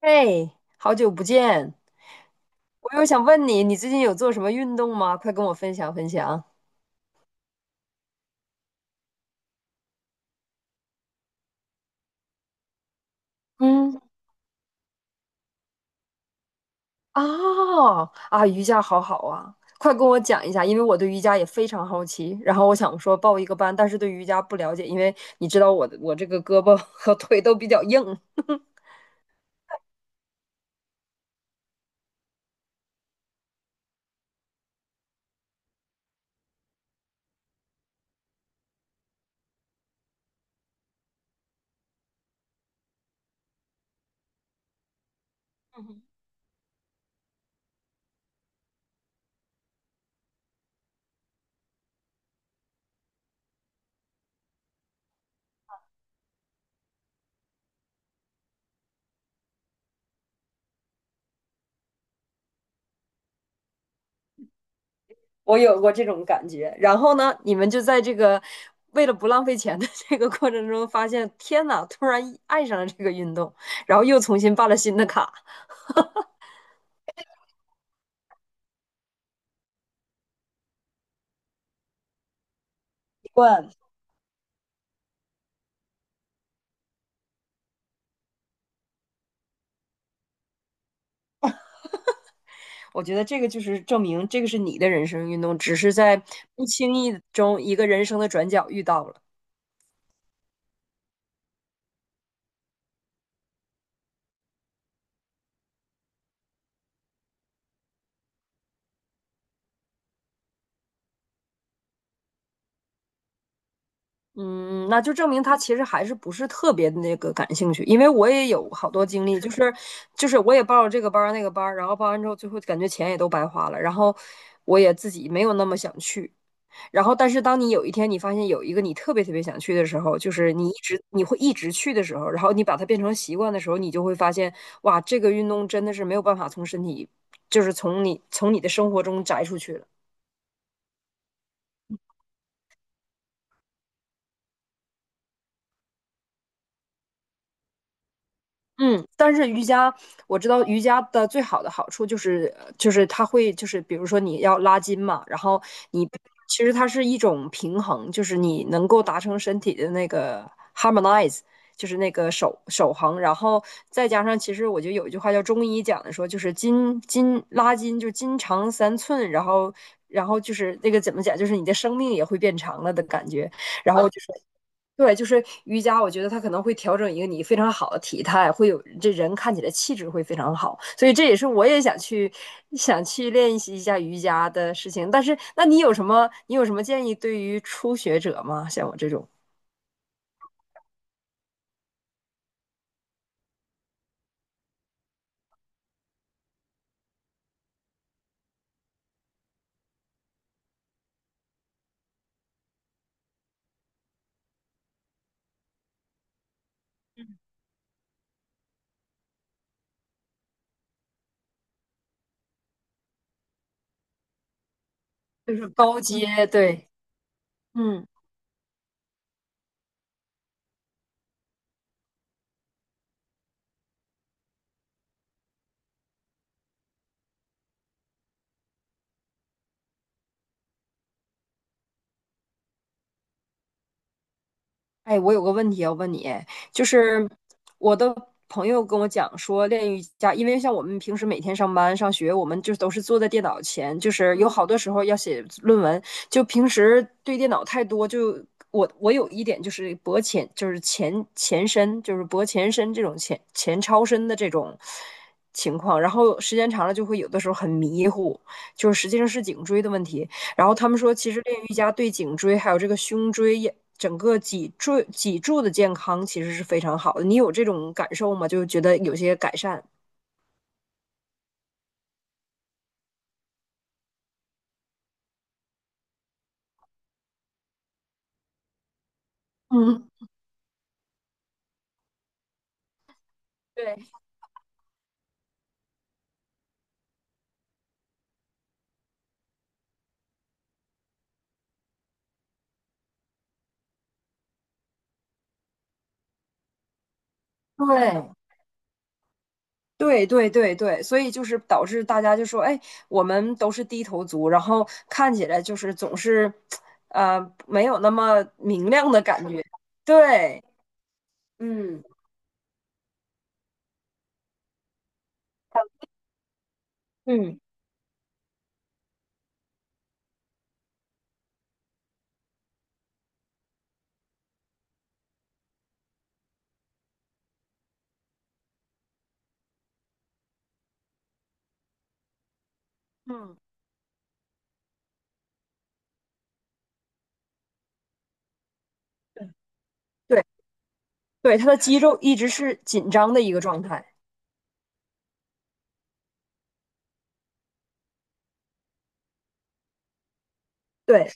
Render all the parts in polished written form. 嘿，好久不见！我又想问你，你最近有做什么运动吗？快跟我分享分享。嗯，哦，啊，瑜伽好好啊，快跟我讲一下，因为我对瑜伽也非常好奇。然后我想说报一个班，但是对瑜伽不了解，因为你知道我这个胳膊 和腿都比较硬，我有过这种感觉。然后呢，你们就在这个为了不浪费钱的 这个过程中，发现天呐，突然爱上了这个运动，然后又重新办了新的卡。我觉得这个就是证明这个是你的人生运动，只是在不经意中一个人生的转角遇到了。嗯，那就证明他其实还是不是特别那个感兴趣，因为我也有好多经历，就是我也报了这个班儿那个班儿，然后报完之后，最后感觉钱也都白花了，然后我也自己没有那么想去，然后，但是当你有一天你发现有一个你特别特别想去的时候，就是你会一直去的时候，然后你把它变成习惯的时候，你就会发现，哇，这个运动真的是没有办法从身体，就是从你的生活中摘出去了。嗯，但是瑜伽我知道瑜伽的最好的好处就是它会就是比如说你要拉筋嘛，然后你其实它是一种平衡，就是你能够达成身体的那个 harmonize，就是那个守恒，然后再加上其实我觉得有一句话叫中医讲的说就是筋拉筋就是筋长三寸，然后就是那个怎么讲就是你的生命也会变长了的感觉，然后就是对，就是瑜伽，我觉得它可能会调整一个你非常好的体态，会有这人看起来气质会非常好，所以这也是我也想去练习一下瑜伽的事情。但是，那你有什么建议对于初学者吗？像我这种，就是高阶，对，嗯。哎，我有个问题要问你，就是我的朋友跟我讲说，练瑜伽，因为像我们平时每天上班上学，我们就都是坐在电脑前，就是有好多时候要写论文，就平时对电脑太多，就我有一点就是脖前，就是前伸，就是脖前伸这种前超伸的这种情况，然后时间长了就会有的时候很迷糊，就是实际上是颈椎的问题。然后他们说，其实练瑜伽对颈椎还有这个胸椎也整个脊椎脊柱的健康其实是非常好的。你有这种感受吗？就觉得有些改善。嗯，对。对，对对对对，所以就是导致大家就说，哎，我们都是低头族，然后看起来就是总是，呃，没有那么明亮的感觉。对，嗯嗯嗯，对对，他的肌肉一直是紧张的一个状态。对，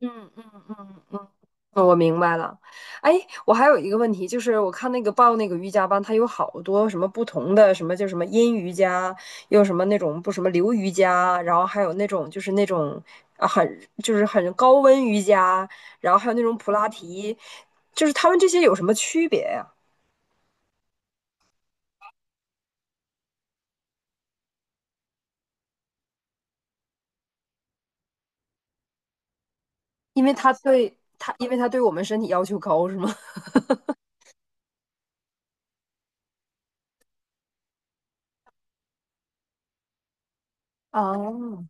嗯嗯嗯嗯。我明白了，哎，我还有一个问题，就是我看那个报那个瑜伽班，它有好多什么不同的，什么叫什么阴瑜伽，又什么那种不什么流瑜伽，然后还有那种就是那种啊很就是很高温瑜伽，然后还有那种普拉提，就是他们这些有什么区别呀？因为它，因为它对我们身体要求高，是吗？哦，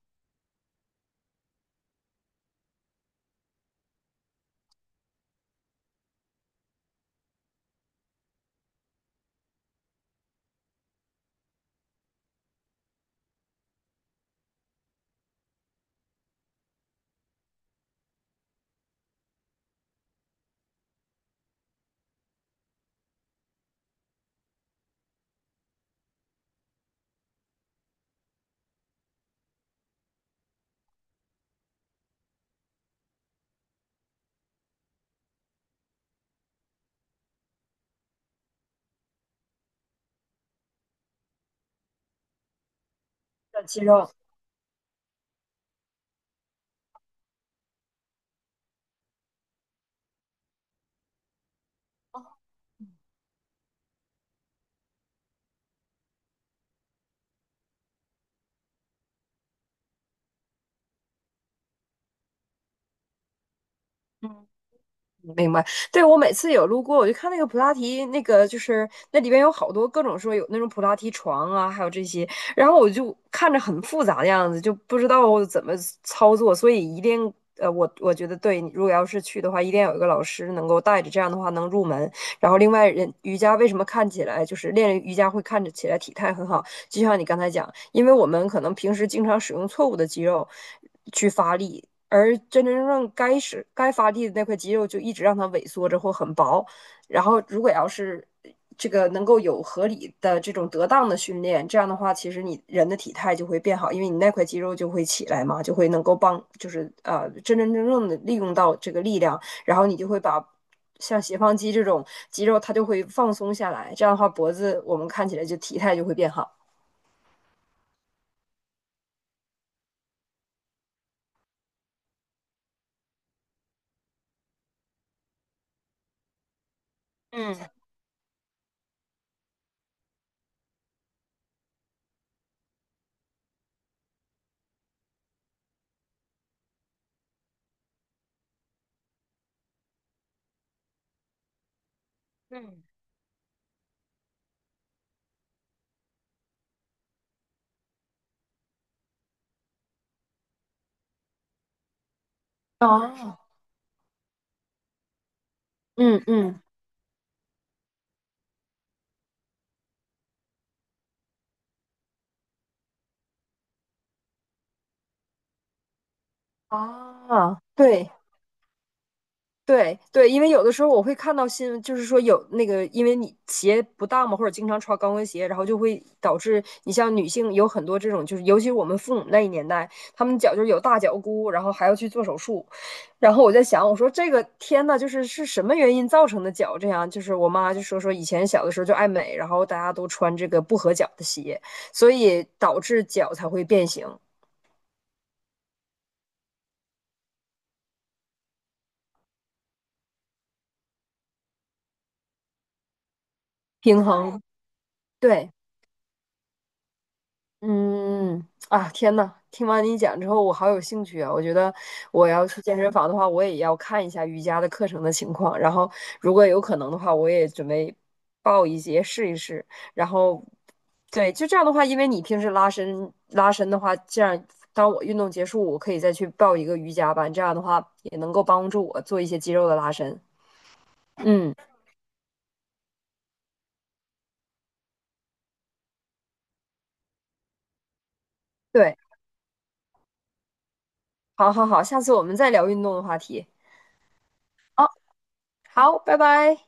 长肌肉，嗯。明白，对，我每次有路过，我就看那个普拉提，那个就是那里边有好多各种说有那种普拉提床啊，还有这些，然后我就看着很复杂的样子，就不知道怎么操作，所以一定我觉得对，你如果要是去的话，一定要有一个老师能够带着，这样的话能入门。然后另外人瑜伽为什么看起来就是练瑜伽会看着起来体态很好，就像你刚才讲，因为我们可能平时经常使用错误的肌肉去发力。而真正该是该发力的那块肌肉就一直让它萎缩着或很薄。然后，如果要是这个能够有合理的这种得当的训练，这样的话，其实你人的体态就会变好，因为你那块肌肉就会起来嘛，就会能够帮，就是真正的利用到这个力量，然后你就会把。像斜方肌这种肌肉，它就会放松下来，这样的话，脖子我们看起来就体态就会变好。嗯，哦，嗯嗯，啊，对。对对，因为有的时候我会看到新闻，就是说有那个，因为你鞋不当嘛，或者经常穿高跟鞋，然后就会导致你像女性有很多这种，就是尤其是我们父母那一年代，他们脚就是有大脚骨，然后还要去做手术。然后我在想，我说这个天呐，就是是什么原因造成的脚这样？就是我妈就说以前小的时候就爱美，然后大家都穿这个不合脚的鞋，所以导致脚才会变形，平衡。对。嗯啊，天呐，听完你讲之后，我好有兴趣啊！我觉得我要去健身房的话，我也要看一下瑜伽的课程的情况，然后如果有可能的话，我也准备报一节试一试。然后，对，就这样的话，因为你平时拉伸拉伸的话，这样当我运动结束，我可以再去报一个瑜伽班，这样的话也能够帮助我做一些肌肉的拉伸。嗯，对，好好好，下次我们再聊运动的话题。好，好，拜拜。